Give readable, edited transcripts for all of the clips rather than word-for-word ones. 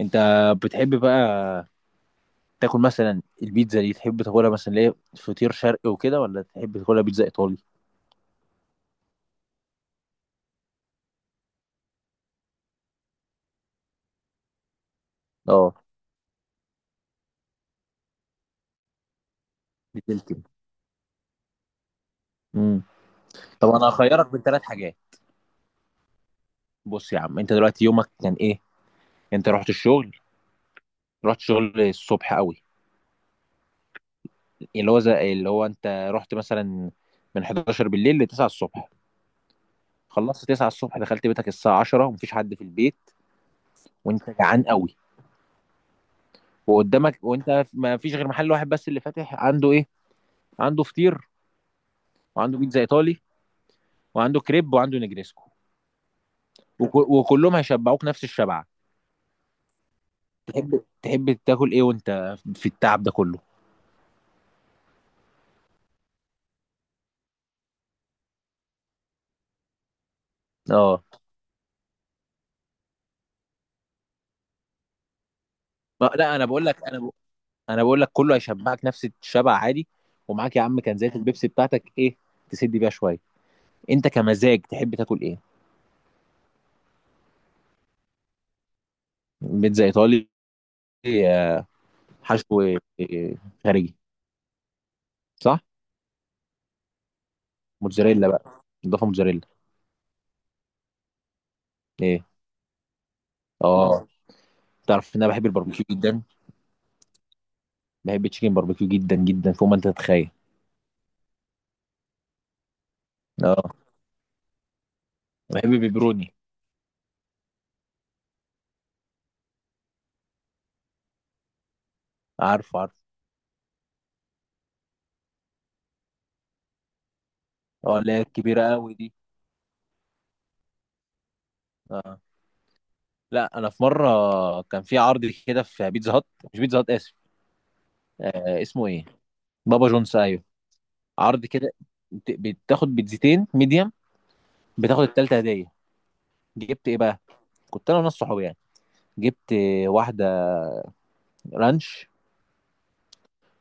انت بتحب بقى تاكل مثلا البيتزا دي؟ تحب تاكلها مثلا ليه فطير شرقي وكده، ولا تحب تاكلها بيتزا ايطالي؟ اه، بتقول كده. امم طب انا هخيرك بين 3 حاجات. بص يا عم، انت دلوقتي يومك كان ايه؟ انت رحت الشغل، رحت الشغل الصبح قوي، اللي هو زي اللي هو انت رحت مثلا من 11 بالليل ل 9 الصبح، خلصت 9 الصبح دخلت بيتك الساعه 10، ومفيش حد في البيت، وانت جعان قوي، وقدامك وانت ما فيش غير محل واحد بس اللي فاتح. عنده ايه؟ عنده فطير، وعنده بيتزا ايطالي، وعنده كريب، وعنده نجريسكو، وكلهم هيشبعوك نفس الشبعه. تحب تاكل ايه وانت في التعب ده كله؟ اه. لا، انا بقول لك كله هيشبعك نفس الشبع عادي. ومعاك يا عم كنزات البيبسي بتاعتك، ايه، تسد بيها شويه. انت كمزاج تحب تاكل ايه؟ بيتزا ايطالي. آه، حشو. خارجي. صح، موتزاريلا بقى، اضافه موتزاريلا. ايه؟ اه. تعرف ان انا بحب الباربيكيو جدا، بحب التشيكن باربيكيو جدا جدا فوق ما انت تتخيل. اه، بحب البيبروني. عارف، عارف. اه، اللي هي الكبيرة قوي دي. اه، لا انا في مرة كان في عرض كده في بيتزا هات، مش بيتزا هات، اسف. اسمه ايه؟ بابا جونز، ايوه. عرض كده، بتاخد بيتزتين ميديم، بتاخد التالتة هدية. جبت ايه بقى؟ كنت انا وناس صحابي يعني. جبت واحدة رانش،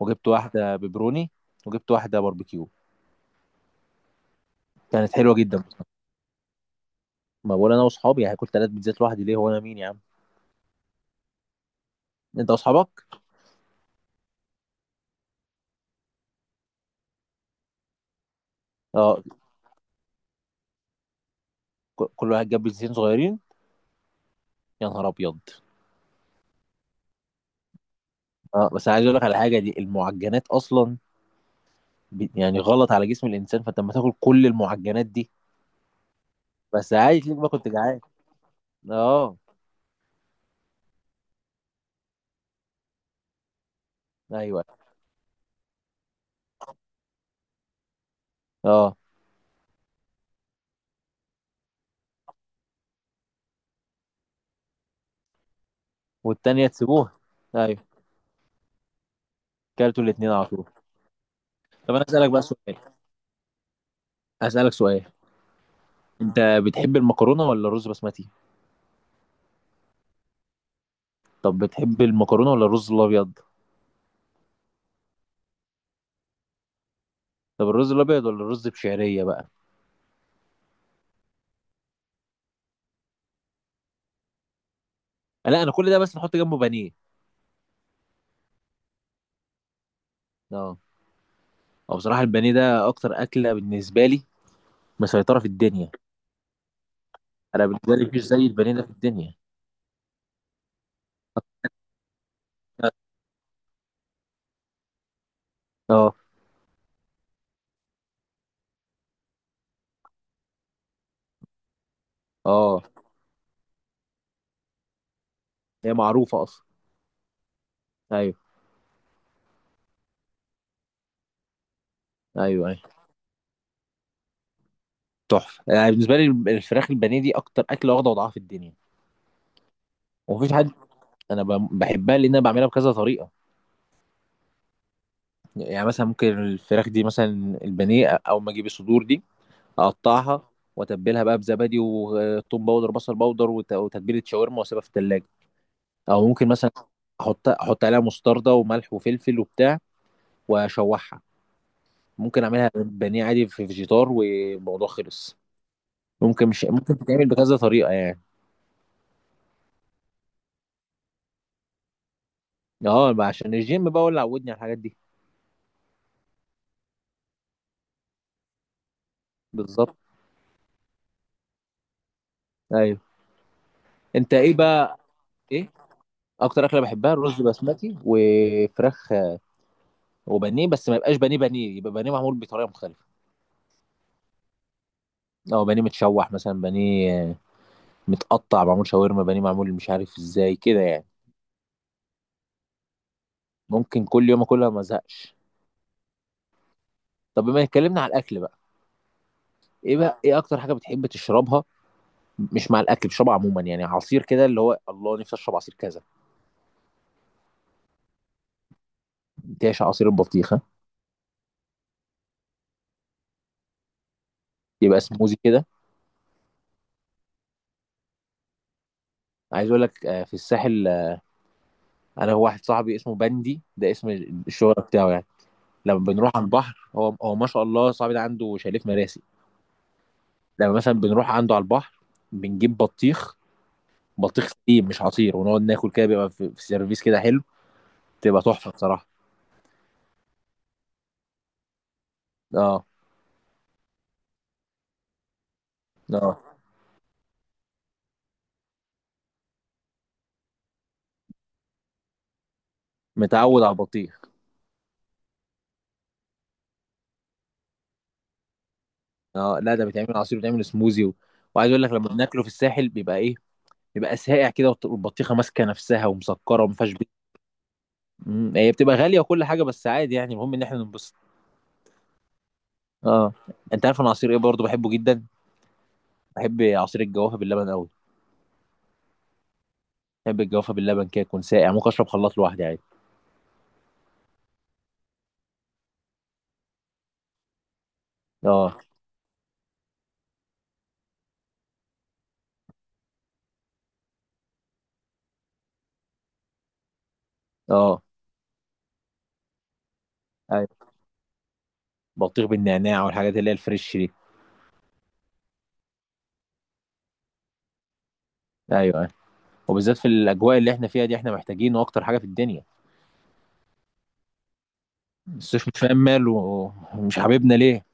وجبت واحدة بيبروني، وجبت واحدة باربيكيو. كانت حلوة جدا بصراحة. ما بقول انا واصحابي، هاكل تلات بيتزات لوحدي ليه؟ هو انا مين يا عم؟ انت واصحابك. اه، كل واحد جاب بيتزتين صغيرين. يا نهار ابيض. اه، بس عايز اقول لك على حاجه. دي المعجنات اصلا يعني غلط على جسم الانسان، فانت لما تاكل كل المعجنات دي، بس عايز ليك ما كنت جعان. اه. ايوه. اه. والتانيه تسيبوها. ايوه، كلتوا الاتنين على طول. طب انا اسالك بقى سؤال، اسالك سؤال. انت بتحب المكرونه ولا الرز بسمتي؟ طب بتحب المكرونه ولا الرز الابيض؟ طب الرز الابيض ولا الرز بشعريه بقى؟ لا انا كل ده بس نحط جنبه بانيه. اه. او بصراحه البانيه ده اكتر اكله بالنسبه لي، مسيطره في الدنيا. انا بالنسبه لي مفيش زي البانيه ده في الدنيا. اه. اه، هي معروفة اصلا. ايوه. ايوه. ايوه، تحفة يعني بالنسبة لي. الفراخ البانيه دي اكتر اكلة واخدة وضعها في الدنيا. ومفيش حد. انا بحبها لان انا بعملها بكذا طريقة. يعني مثلا ممكن الفراخ دي مثلا البانيه، او ما اجيب الصدور دي، اقطعها، واتبلها بزبادي وثوم باودر، بصل باودر، وتتبيلة شاورما، واسيبها في التلاجة. او ممكن مثلا احط عليها مستردة وملح وفلفل وبتاع، واشوحها. ممكن اعملها بانيه عادي في فيجيتار والموضوع خلص. ممكن مش ممكن تتعمل بكذا طريقة يعني. اه بقى، عشان الجيم بقى هو اللي عودني على الحاجات دي. بالظبط. ايوه. انت ايه بقى؟ ايه اكتر اكله؟ بحبها الرز بسمتي وفراخ وبانيه، بس ما يبقاش بانيه بانيه، يبقى بانيه معمول بطريقه مختلفه. او بانيه متشوح مثلا، بانيه متقطع معمول شاورما، بانيه معمول مش عارف ازاي كده يعني. ممكن كل يوم اكلها ما ازهقش. طب بما اتكلمنا على الاكل بقى، ايه بقى، ايه اكتر حاجه بتحب تشربها؟ مش مع الاكل، بتشربها عموما يعني، عصير كده، اللي هو الله نفسي اشرب عصير كذا. تعشى عصير البطيخ. يبقى سموزي كده. عايز اقول لك، في الساحل، انا واحد صاحبي اسمه بندي، ده اسم الشهرة بتاعه يعني. لما بنروح على البحر، هو ما شاء الله صاحبي ده عنده شاليه في مراسي. لما مثلا بنروح عنده على البحر، بنجيب بطيخ، بطيخ سليم مش عصير، ونقعد ناكل كده. بيبقى في سيرفيس كده حلو. تبقى تحفة بصراحة. اه. اه، متعود على البطيخ. اه، لا ده بيتعمل عصير، بيتعمل سموزي. وعايز اقول لك لما بناكله في الساحل بيبقى ايه، بيبقى ساقع كده، والبطيخة ماسكة نفسها ومسكرة وما فيهاش. هي بتبقى غالية وكل حاجة بس عادي يعني، المهم ان احنا ننبسط. اه. انت عارف انا عصير ايه برضه بحبه جدا؟ بحب عصير الجوافة باللبن قوي. بحب الجوافة باللبن كده يكون ساقع، ممكن اشرب خلاط لوحدي عادي. اه. اه. ايوه. بطيخ بالنعناع والحاجات اللي هي الفريش دي. ايوه، ايوه. وبالذات في الاجواء اللي احنا فيها دي، احنا محتاجينه اكتر حاجة في الدنيا. الصيف مش فاهم ماله ومش حبيبنا ليه.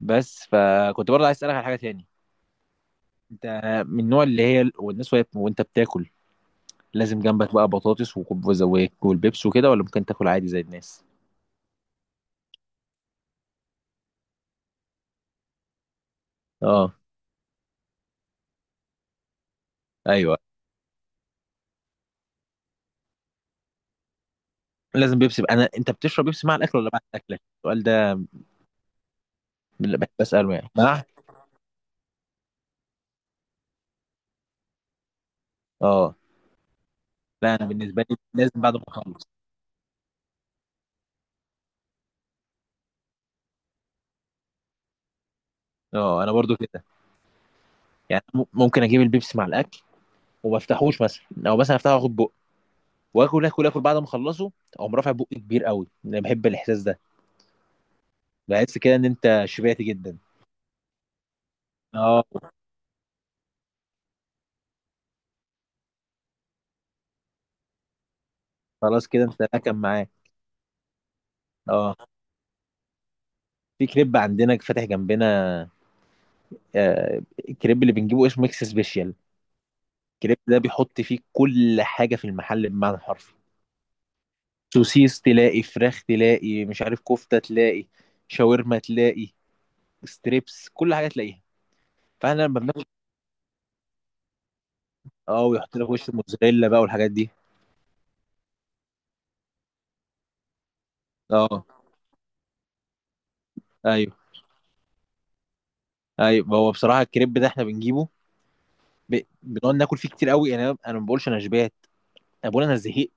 بس فكنت برضه عايز اسألك على حاجة تاني. انت من النوع اللي هي والناس وانت بتاكل لازم جنبك بقى بطاطس وزواك والبيبس وكده، ولا ممكن تاكل عادي زي الناس؟ اه. ايوه، لازم بيبسي بقى. انا انت بتشرب بيبسي مع الاكل ولا بعد الاكل؟ السؤال ده اللي بحب اساله يعني. مع. اه، لا انا بالنسبه لي لازم بعد ما اخلص. اه، انا برضو كده. يعني ممكن اجيب البيبسي مع الاكل وما افتحوش مثلا، او مثلا افتحه واخد بق واكل، اكل، اكل بعد ما اخلصه اقوم رافع بقي كبير قوي. انا بحب الاحساس ده، بحس كده ان انت شبعت جدا. اه. خلاص كده انت اكل معاه. اه. في كريب عندنا فاتح جنبنا، آه، الكريب اللي بنجيبه اسمه ميكس سبيشال. الكريب ده بيحط فيه كل حاجه في المحل بمعنى حرفي. سوسيس تلاقي، فراخ تلاقي، مش عارف كفته تلاقي، شاورما تلاقي، ستريبس، كل حاجه تلاقيها. فاحنا لما بناكل. اه، ويحط لك وش موزاريلا بقى والحاجات دي. اه. ايوه. ايوه، هو بصراحه الكريب ده احنا بنجيبه، بنقعد ناكل فيه كتير قوي يعني. انا ما بقولش انا شبعت، انا بقول انا زهقت.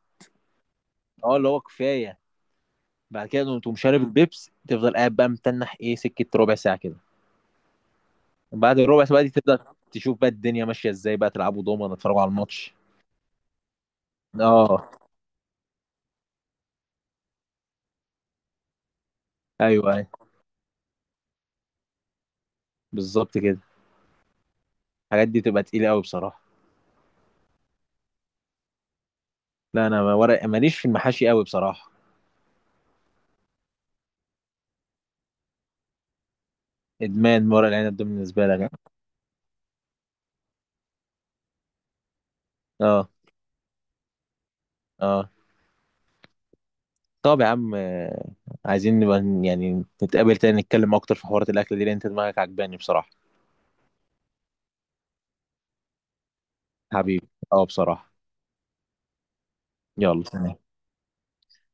اه، اللي هو كفايه. بعد كده تقوم شارب البيبس، تفضل قاعد بقى متنح ايه سكه ربع ساعه كده. بعد الربع ساعه بقى دي تبدا تشوف بقى الدنيا ماشيه ازاي، بقى تلعبوا دومنا، تتفرجوا على الماتش. اه. ايوه. ايوه، بالظبط كده. الحاجات دي تبقى تقيله قوي بصراحه. لا انا، ورق ماليش في المحاشي قوي بصراحه. ادمان ورق العنب ده بالنسبه لك. اه. اه. طب يا عم، عايزين نبقى يعني نتقابل تاني، نتكلم اكتر في حوارات الاكل دي، لان انت دماغك عجباني بصراحه. حبيبي. اه بصراحه. يلا، سلام.